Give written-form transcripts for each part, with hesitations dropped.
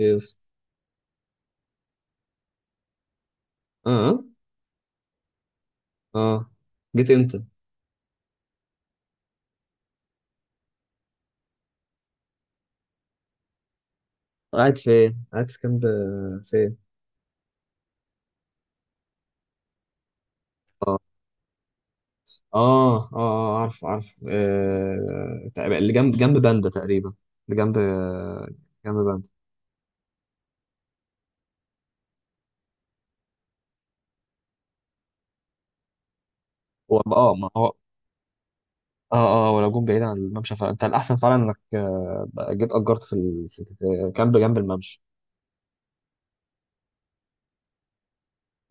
إيه اه اه آه. جيت امتى؟ قاعد فين؟ قاعد في كامب فين؟ اه عارف عارف، تقريبا اللي جنب باندا، تقريبا اللي جنب، جنب باندا. هو اه، ما هو اه ولو جون بعيد عن الممشى فانت الاحسن فعلا انك، بقى جيت اجرت في كامب جنب الممشى.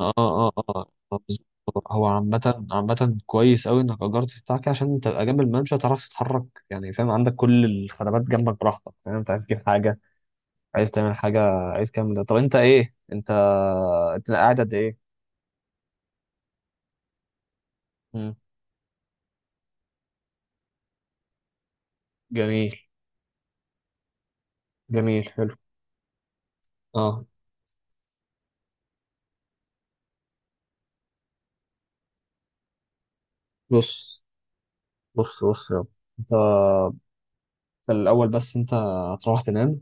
اه اه بالظبط. هو عامة عامة كويس أوي إنك أجرت بتاع كده عشان تبقى جنب الممشى تعرف تتحرك، يعني فاهم؟ عندك كل الخدمات جنبك براحتك، فاهم؟ أنت عايز تجيب حاجة، عايز تعمل حاجة، عايز كام. ده طب أنت إيه؟ أنت أنت قاعد قد إيه؟ مم. جميل. جميل حلو. اه. بص بص بص، يا رب. أنت الأول بس أنت هتروح تنام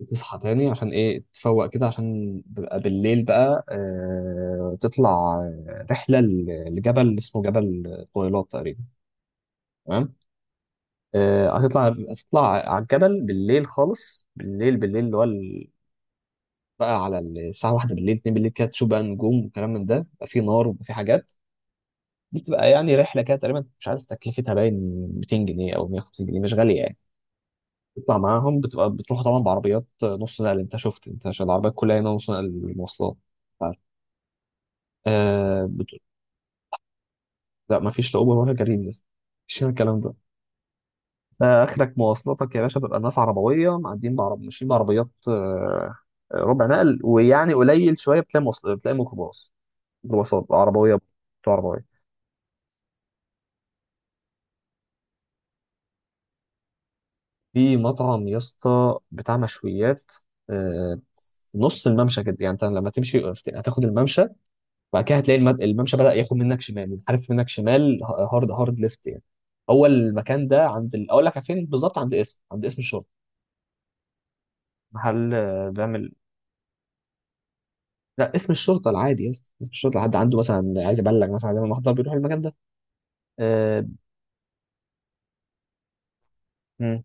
وتصحى تاني، عشان ايه؟ تفوق كده، عشان بيبقى بالليل بقى آه تطلع، رحلة لجبل اسمه جبل طويلات تقريبا، تمام. هتطلع، هتطلع على الجبل بالليل خالص، بالليل بالليل، اللي هو بقى على الساعة واحدة بالليل، اتنين بالليل كده، تشوف بقى نجوم وكلام من ده، بيبقى في نار وبيبقى في حاجات. دي بتبقى يعني رحلة كده، تقريبا مش عارف تكلفتها، باين 200 جنيه أو 150 جنيه، مش غالية يعني. تطلع معاهم، بتبقى بتروح طبعا بعربيات نص نقل، انت شفت، انت عشان العربيات كلها هنا نص نقل المواصلات. آه بت... لا مفيش لا اوبر ولا كريم لسه، مفيش هنا الكلام ده. اخرك مواصلاتك يا باشا بيبقى الناس عربويه معديين، بعرب ماشيين بعربيات، ربع نقل، ويعني قليل شويه بتلاقي بتلاقي ميكروباص، ميكروباصات عربويه بتوع عربويه. في مطعم يا اسطى بتاع مشويات، آه في نص الممشى كده، يعني انت لما تمشي هتاخد الممشى، وبعد كده هتلاقي الممشى بدأ ياخد منك شمال، عارف، منك شمال، هارد هارد ليفت يعني. هو المكان ده اقول لك فين بالظبط، عند اسم، عند اسم الشرطه، محل بيعمل. لا اسم الشرطه العادي يا اسطى، اسم الشرطه حد عنده مثلا عايز يبلغ، مثلا عايز يعمل محضر بيروح المكان ده. آه، مم.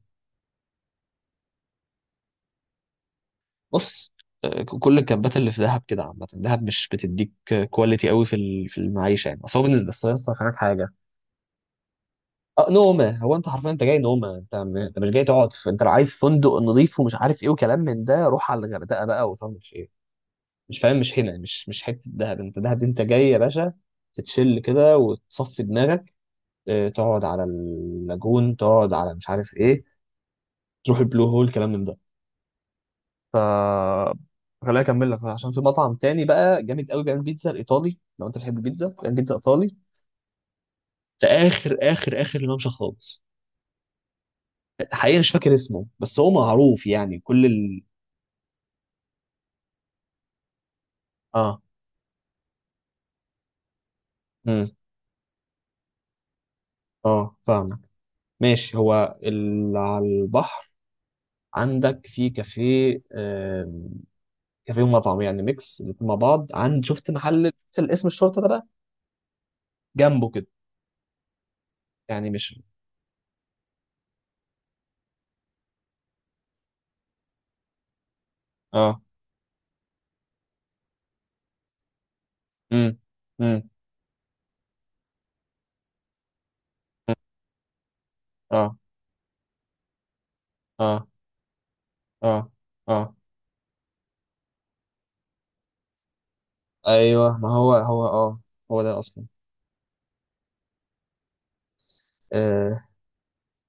بص، كل الكامبات اللي في دهب كده عامه، دهب مش بتديك كواليتي قوي في المعيشه يعني. اصل هو بالنسبه، بس يا اسطى هناك حاجه، اه نومه. هو انت حرفيا انت جاي نومه، انت مش جاي تقعد في، انت لو عايز فندق نظيف ومش عارف ايه وكلام من ده روح على الغردقه بقى، وصل مش ايه، مش فاهم، مش هنا، مش حته دهب. انت دهب دي انت جاي يا باشا تتشل كده وتصفي دماغك، تقعد على اللاجون، تقعد على مش عارف ايه، تروح البلو هول، كلام من ده. ف خليني اكمل لك، عشان في مطعم تاني بقى جامد قوي بيعمل بيتزا الايطالي، لو انت بتحب البيتزا بيعمل بيتزا ايطالي. ده اخر اخر اخر الممشى خالص، حقيقي مش فاكر اسمه بس هو معروف يعني اه. امم. اه فاهمك، ماشي. هو اللي على البحر عندك في كافيه، كافيه ومطعم يعني ميكس الاتنين مع بعض، عند، شفت محل الاسم الشرطه ده بقى، جنبه كده يعني. مش اه، امم. امم، اه اه اه اه. ايوه ما هو هو اه، هو ده اصلا. آه،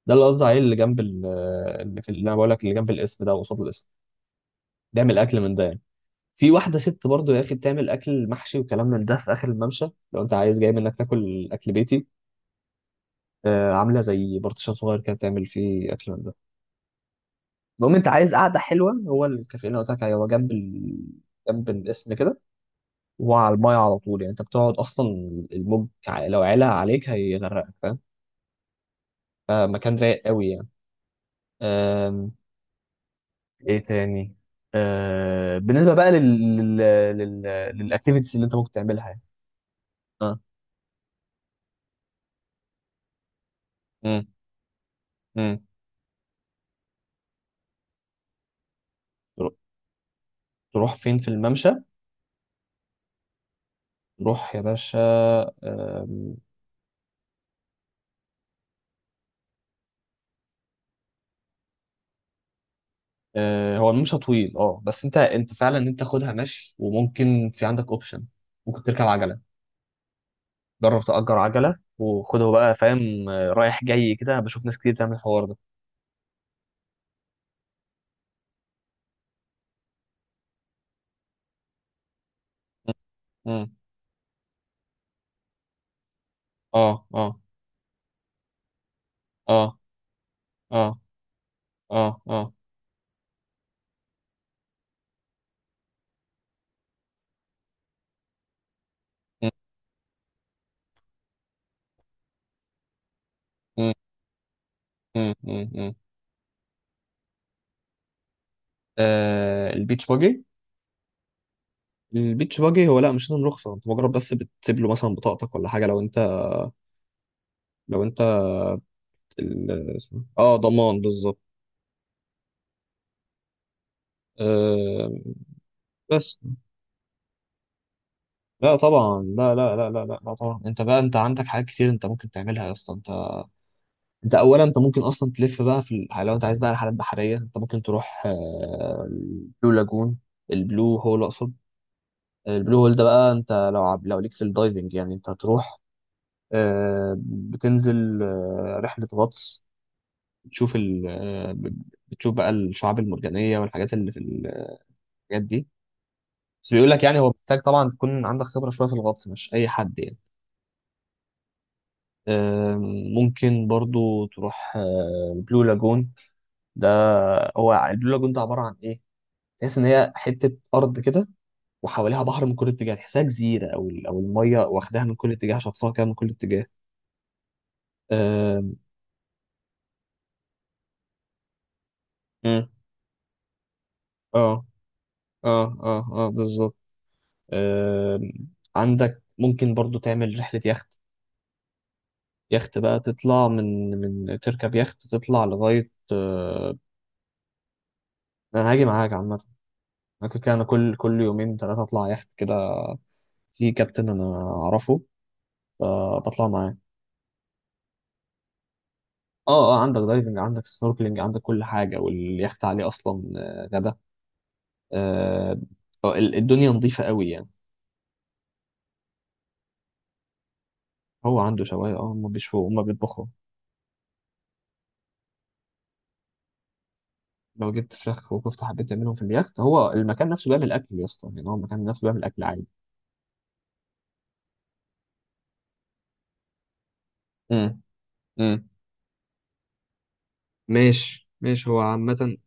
ده اللي قصدي عليه، اللي اللي في، اللي انا بقول لك، اللي جنب الاسم ده قصاد الاسم، بيعمل اكل من ده يعني. في واحده ست برضو يا اخي بتعمل اكل محشي وكلام من ده في اخر الممشى، لو انت عايز جاي منك تاكل اكل بيتي، عامله زي بارتيشن صغير كده بتعمل فيه اكل من ده. المهم انت عايز قعده حلوه، هو الكافيه اللي أنا قلت لك عليه هو جنب الاسم كده، وعلى المايه على طول، يعني انت بتقعد اصلا، لو علا عليك هيغرقك، فاهم؟ فمكان رايق قوي يعني. أم... ايه تاني؟ بالنسبه بقى لل لل لل للاكتيفيتيز اللي انت ممكن تعملها يعني. اه، امم، امم. ترو- تروح فين في الممشى؟ تروح يا باشا. أم... هو الممشى طويل اه، بس انت فعلا انت تاخدها مشي، وممكن في عندك اوبشن، ممكن تركب عجله. جرب تأجر عجله وخده بقى، فاهم؟ رايح جاي كده، بشوف ناس كتير بتعمل الحوار ده. مم. اه اه اه اه اه اه. مم. مم. مم. مم. مم. البيتش باجي. البيتش باجي هو لا مش لازم رخصة، انت مجرد بس بتسيب له مثلا بطاقتك ولا حاجة، لو انت، لو انت ال- اه ضمان بالظبط. آه. بس لا طبعا، لا لا لا لا لا لا طبعا، انت بقى انت عندك حاجات كتير انت ممكن تعملها يا اسطى. انت اولا انت ممكن اصلا تلف بقى لو انت عايز بقى رحلات بحريه، انت ممكن تروح البلو لاجون، البلو هول اقصد. البلو هول ده بقى انت لو عب، لو ليك في الدايفنج يعني، انت هتروح بتنزل رحلة غطس، بتشوف ال آه، ب- بتشوف بقى الشعاب المرجانية والحاجات اللي في الحاجات دي. بس بيقول لك يعني هو محتاج طبعا تكون عندك خبرة شوية في الغطس، مش أي حد يعني. آم، ممكن برضو تروح، البلو لاجون ده، هو البلو لاجون ده عبارة عن إيه؟ تحس إن هي حتة أرض كده، وحواليها بحر من كل اتجاه، تحسها جزيرة، أو أو المية واخداها من كل اتجاه، شاطفاها كده من كل اتجاه. آه، مم. اه اه اه اه بالظبط. آه. عندك ممكن برضو تعمل رحلة يخت. يخت بقى تطلع من تركب يخت تطلع لغاية آه. انا هاجي معاك عامة، انا كنت كده انا كل يومين ثلاثة اطلع يخت كده. في كابتن انا اعرفه، فبطلع معاه. اه اه، عندك دايفنج، عندك سنوركلينج، عندك كل حاجة، واليخت عليه اصلا غدا. آه الدنيا نظيفة قوي يعني. هو عنده شواية اه، هم بيشوا هم بيطبخوا. لو جبت فراخ وكفته حبيت تعملهم في اليخت، هو المكان نفسه بيعمل اكل يا اسطى يعني، هو المكان نفسه بيعمل اكل عادي. امم. امم. ماشي ماشي. هو عامة،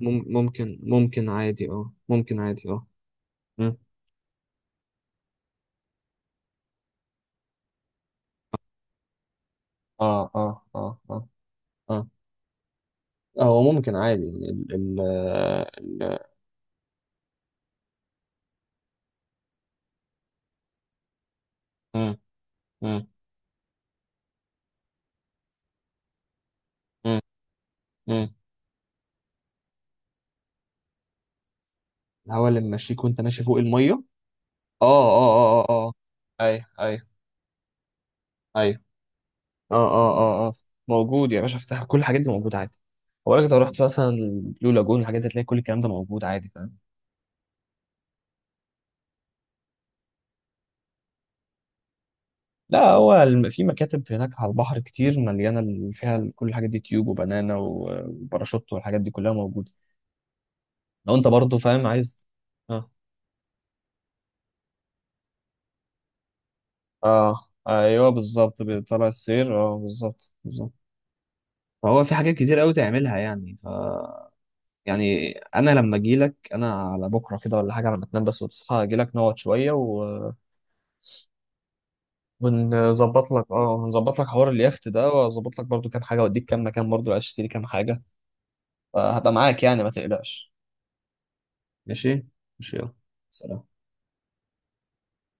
ممكن ممكن عادي اه، ممكن عادي اه. امم. اه اه اه اه اه. هو ممكن عادي ال ال ال امم. امم. امم. امم. الهواء اللي ممشيك وانت ماشي فوق المية؟ اه اه اه اه اه. اي اي اي. اه اه اه اه. موجود يا باشا، افتح، كل الحاجات دي موجودة عادي. هقول لك لو رحت مثلا البلو لاجون الحاجات دي هتلاقي كل الكلام ده موجود عادي، فاهم؟ لا هو في مكاتب هناك على البحر كتير مليانة فيها كل الحاجات دي، تيوب وبنانا وباراشوت، والحاجات دي كلها موجودة. لو انت برضه فاهم عايز، اه اه، ايوه بالظبط بيطلع السير، اه بالظبط بالظبط. فهو في حاجات كتير قوي تعملها يعني. يعني انا لما اجي لك انا على بكره كده ولا حاجه، لما تنام بس وتصحى اجي لك نقعد شويه و... ونظبط لك اه، هنظبط لك حوار اليخت ده، واظبط لك برضو كام حاجه، واديك كام مكان، برضو عايز تشتري كام حاجه. فهبقى معاك يعني، ما تقلقش. ماشي. ماشي يلا سلام.